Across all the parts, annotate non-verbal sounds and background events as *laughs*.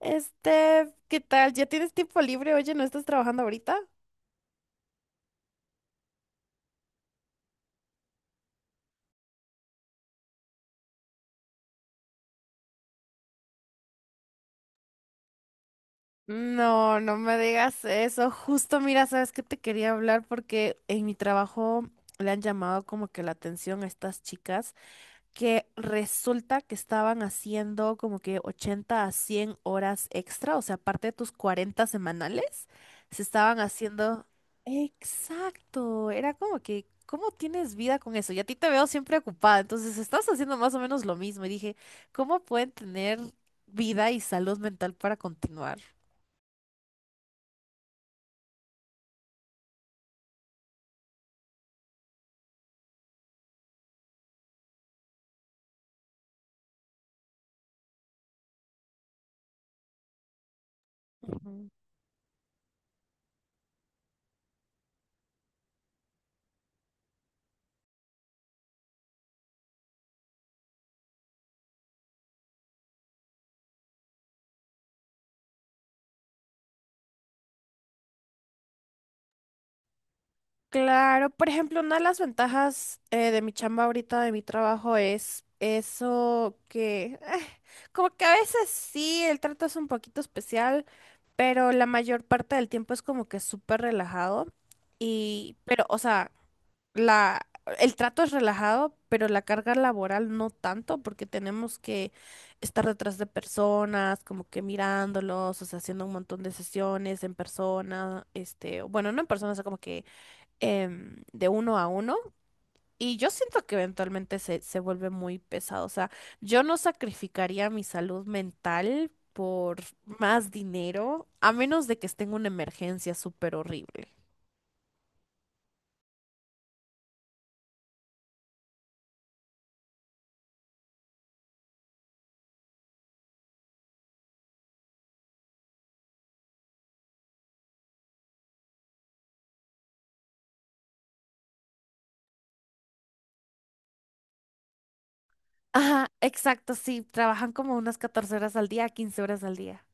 ¿Qué tal? ¿Ya tienes tiempo libre? Oye, ¿no estás trabajando ahorita? No, no me digas eso. Justo, mira, sabes que te quería hablar porque en mi trabajo le han llamado como que la atención a estas chicas. Que resulta que estaban haciendo como que 80 a 100 horas extra, o sea, aparte de tus 40 semanales, se estaban haciendo... Exacto, era como que, ¿cómo tienes vida con eso? Y a ti te veo siempre ocupada, entonces estás haciendo más o menos lo mismo. Y dije, ¿cómo pueden tener vida y salud mental para continuar? Ujú. Claro, por ejemplo, una de las ventajas de mi chamba ahorita, de mi trabajo, es eso que, *laughs* como que a veces sí, el trato es un poquito especial, pero la mayor parte del tiempo es como que súper relajado. Y, pero, o sea, la, el trato es relajado, pero la carga laboral no tanto, porque tenemos que estar detrás de personas, como que mirándolos, o sea, haciendo un montón de sesiones en persona, este, bueno, no en persona, o sea, como que de uno a uno. Y yo siento que eventualmente se vuelve muy pesado. O sea, yo no sacrificaría mi salud mental por más dinero, a menos de que esté en una emergencia súper horrible. Ajá, exacto, sí, trabajan como unas 14 horas al día, 15 horas al día.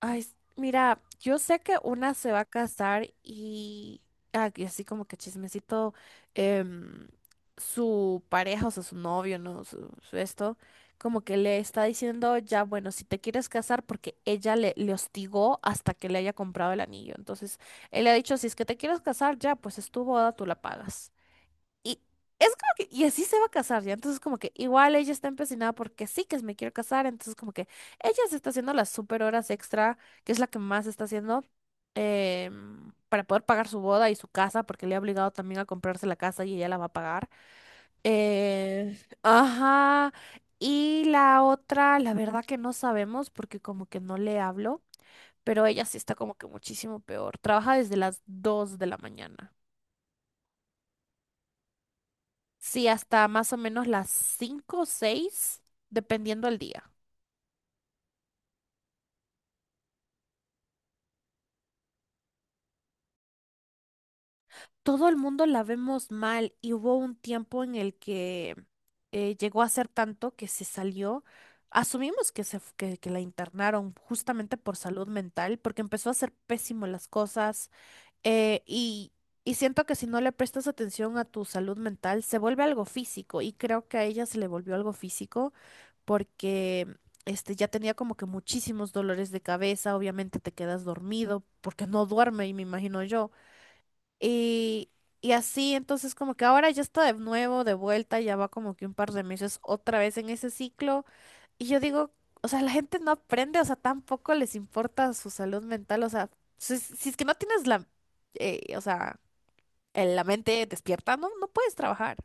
Ay, mira, yo sé que una se va a casar y, y así como que chismecito, em, su pareja, o sea, su novio, ¿no? Su esto, como que le está diciendo, ya, bueno, si te quieres casar, porque ella le hostigó hasta que le haya comprado el anillo. Entonces, él le ha dicho, si es que te quieres casar, ya, pues es tu boda, tú la pagas. Y es como que, y así se va a casar ya. Entonces, como que igual ella está empecinada porque sí que me quiero casar. Entonces, como que ella se está haciendo las super horas extra, que es la que más está haciendo, para poder pagar su boda y su casa, porque le ha obligado también a comprarse la casa y ella la va a pagar. Eh, ajá. Y la otra, la verdad que no sabemos porque como que no le hablo, pero ella sí está como que muchísimo peor. Trabaja desde las 2 de la mañana. Sí, hasta más o menos las 5 o 6, dependiendo del día. Todo el mundo la vemos mal y hubo un tiempo en el que llegó a ser tanto que se salió. Asumimos que, que la internaron justamente por salud mental, porque empezó a hacer pésimo las cosas eh, y, y siento que si no le prestas atención a tu salud mental, se vuelve algo físico y creo que a ella se le volvió algo físico porque ya tenía como que muchísimos dolores de cabeza, obviamente te quedas dormido porque no duerme y me imagino yo. Y, y así, entonces como que ahora ya está de nuevo, de vuelta, ya va como que un par de meses otra vez en ese ciclo y yo digo, o sea, la gente no aprende, o sea, tampoco les importa su salud mental, o sea, si es que no tienes o sea, en la mente despierta, no, no puedes trabajar.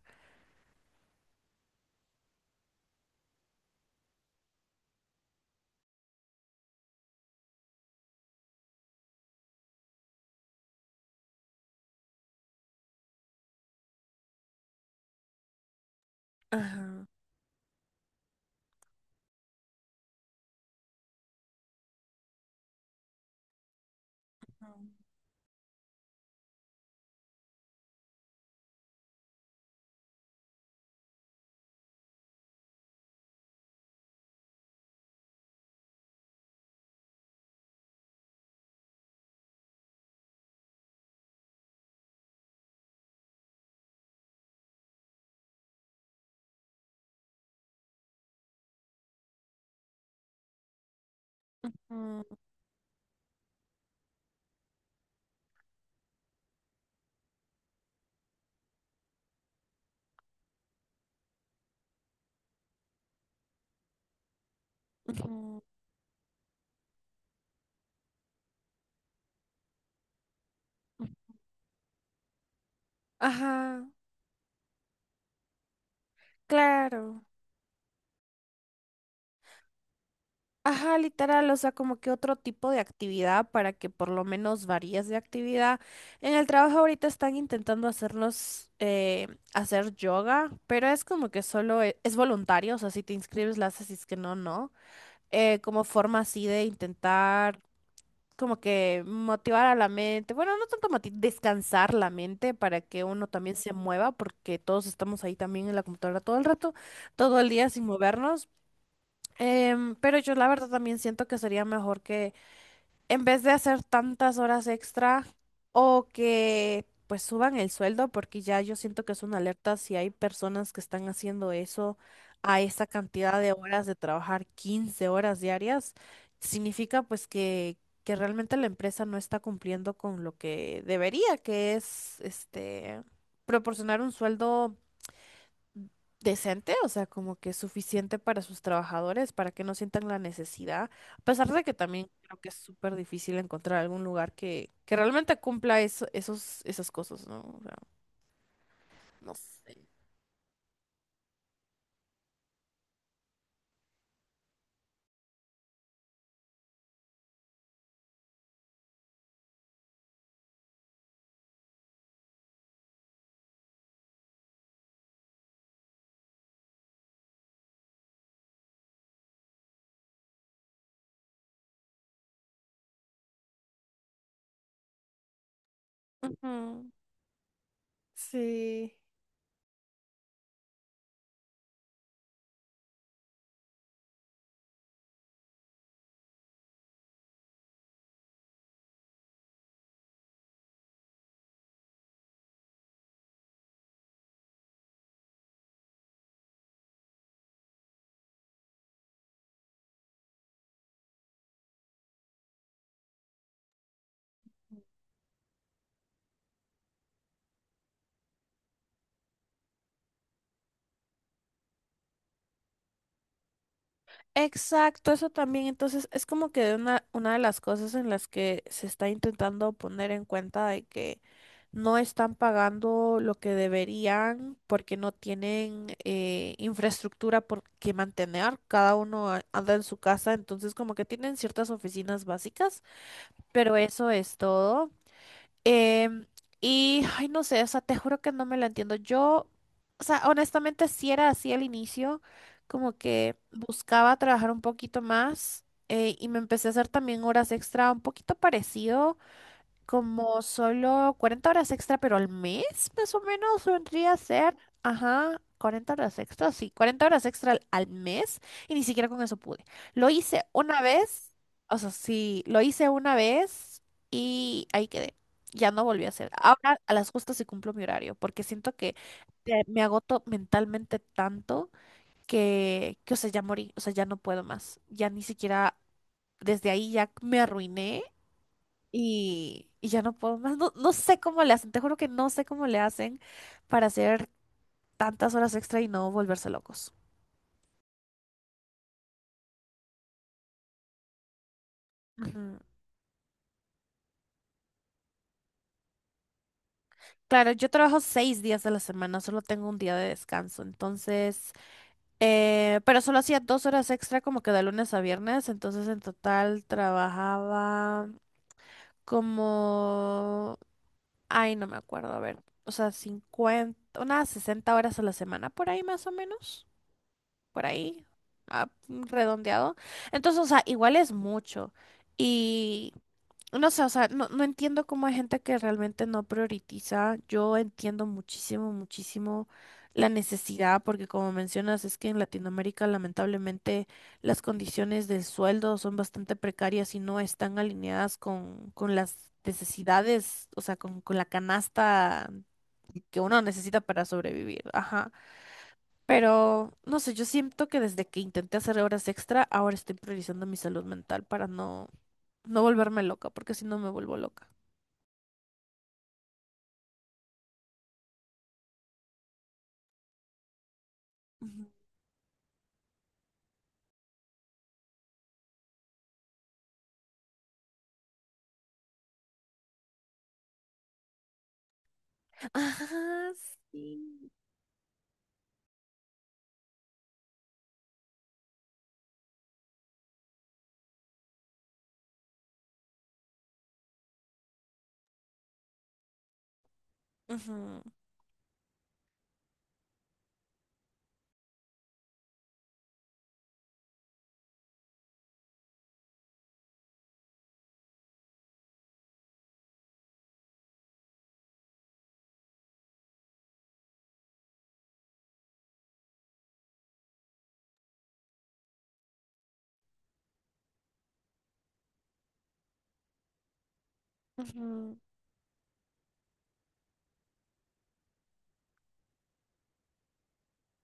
Ajá. Mm, ujú. Ajá, claro. Ajá, literal, o sea, como que otro tipo de actividad para que por lo menos varíes de actividad. En el trabajo ahorita están intentando hacernos hacer yoga, pero es como que solo es, voluntario, o sea, si te inscribes la haces, si es que no, no. Como forma así de intentar como que motivar a la mente, bueno, no tanto descansar la mente para que uno también se mueva, porque todos estamos ahí también en la computadora todo el rato, todo el día sin movernos. Pero yo la verdad también siento que sería mejor que en vez de hacer tantas horas extra o que pues suban el sueldo, porque ya yo siento que es una alerta si hay personas que están haciendo eso a esa cantidad de horas de trabajar 15 horas diarias, significa pues que realmente la empresa no está cumpliendo con lo que debería, que es este proporcionar un sueldo decente, o sea, como que suficiente para sus trabajadores, para que no sientan la necesidad, a pesar de que también creo que es súper difícil encontrar algún lugar que realmente cumpla eso, esas cosas, ¿no? O sea, no sé. Ujú. Sí. Exacto, eso también. Entonces, es como que una de las cosas en las que se está intentando poner en cuenta de que no están pagando lo que deberían porque no tienen infraestructura por que mantener. Cada uno anda en su casa, entonces como que tienen ciertas oficinas básicas, pero eso es todo. Em, ay, no sé, o sea, te juro que no me la entiendo. Yo, o sea, honestamente sí era así al inicio, como que buscaba trabajar un poquito más y me empecé a hacer también horas extra, un poquito parecido como solo 40 horas extra, pero al mes, más o menos, vendría a ser. Ajá, 40 horas extra, sí, 40 horas extra al mes. Y ni siquiera con eso pude. Lo hice una vez, o sea, sí, lo hice una vez y ahí quedé. Ya no volví a hacer. Ahora a las justas sí cumplo mi horario, porque siento que me agoto mentalmente tanto o sea, ya morí, o sea, ya no puedo más. Ya ni siquiera desde ahí ya me arruiné y ya no puedo más. No, no sé cómo le hacen, te juro que no sé cómo le hacen para hacer tantas horas extra y no volverse locos. Ujú. Claro, yo trabajo seis días de la semana, solo tengo un día de descanso, entonces, pero solo hacía dos horas extra como que de lunes a viernes, entonces en total trabajaba como, ay, no me acuerdo, a ver, o sea, 50 unas 60 horas a la semana por ahí más o menos. Por ahí, redondeado. Entonces, o sea, igual es mucho. Y no sé, o sea, no, no entiendo cómo hay gente que realmente no prioritiza. Yo entiendo muchísimo, muchísimo la necesidad, porque como mencionas, es que en Latinoamérica lamentablemente las condiciones del sueldo son bastante precarias y no están alineadas con las necesidades, o sea, con la canasta que uno necesita para sobrevivir. Ajá. Pero, no sé, yo siento que desde que intenté hacer horas extra, ahora estoy priorizando mi salud mental para no, no volverme loca, porque si no me vuelvo loca. Ujú. Ajá, sí. Ujú, ujú,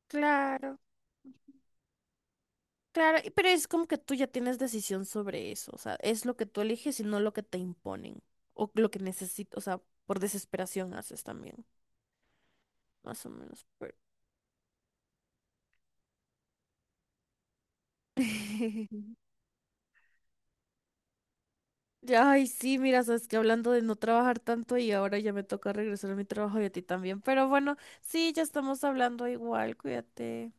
claro, claro, pero es como que tú ya tienes decisión sobre eso, o sea, es lo que tú eliges y no lo que te imponen, o lo que necesitas, o sea, por desesperación haces también, más o menos, pero... *laughs* Ay, sí, mira, sabes que hablando de no trabajar tanto y ahora ya me toca regresar a mi trabajo y a ti también. Pero bueno, sí, ya estamos hablando igual, cuídate.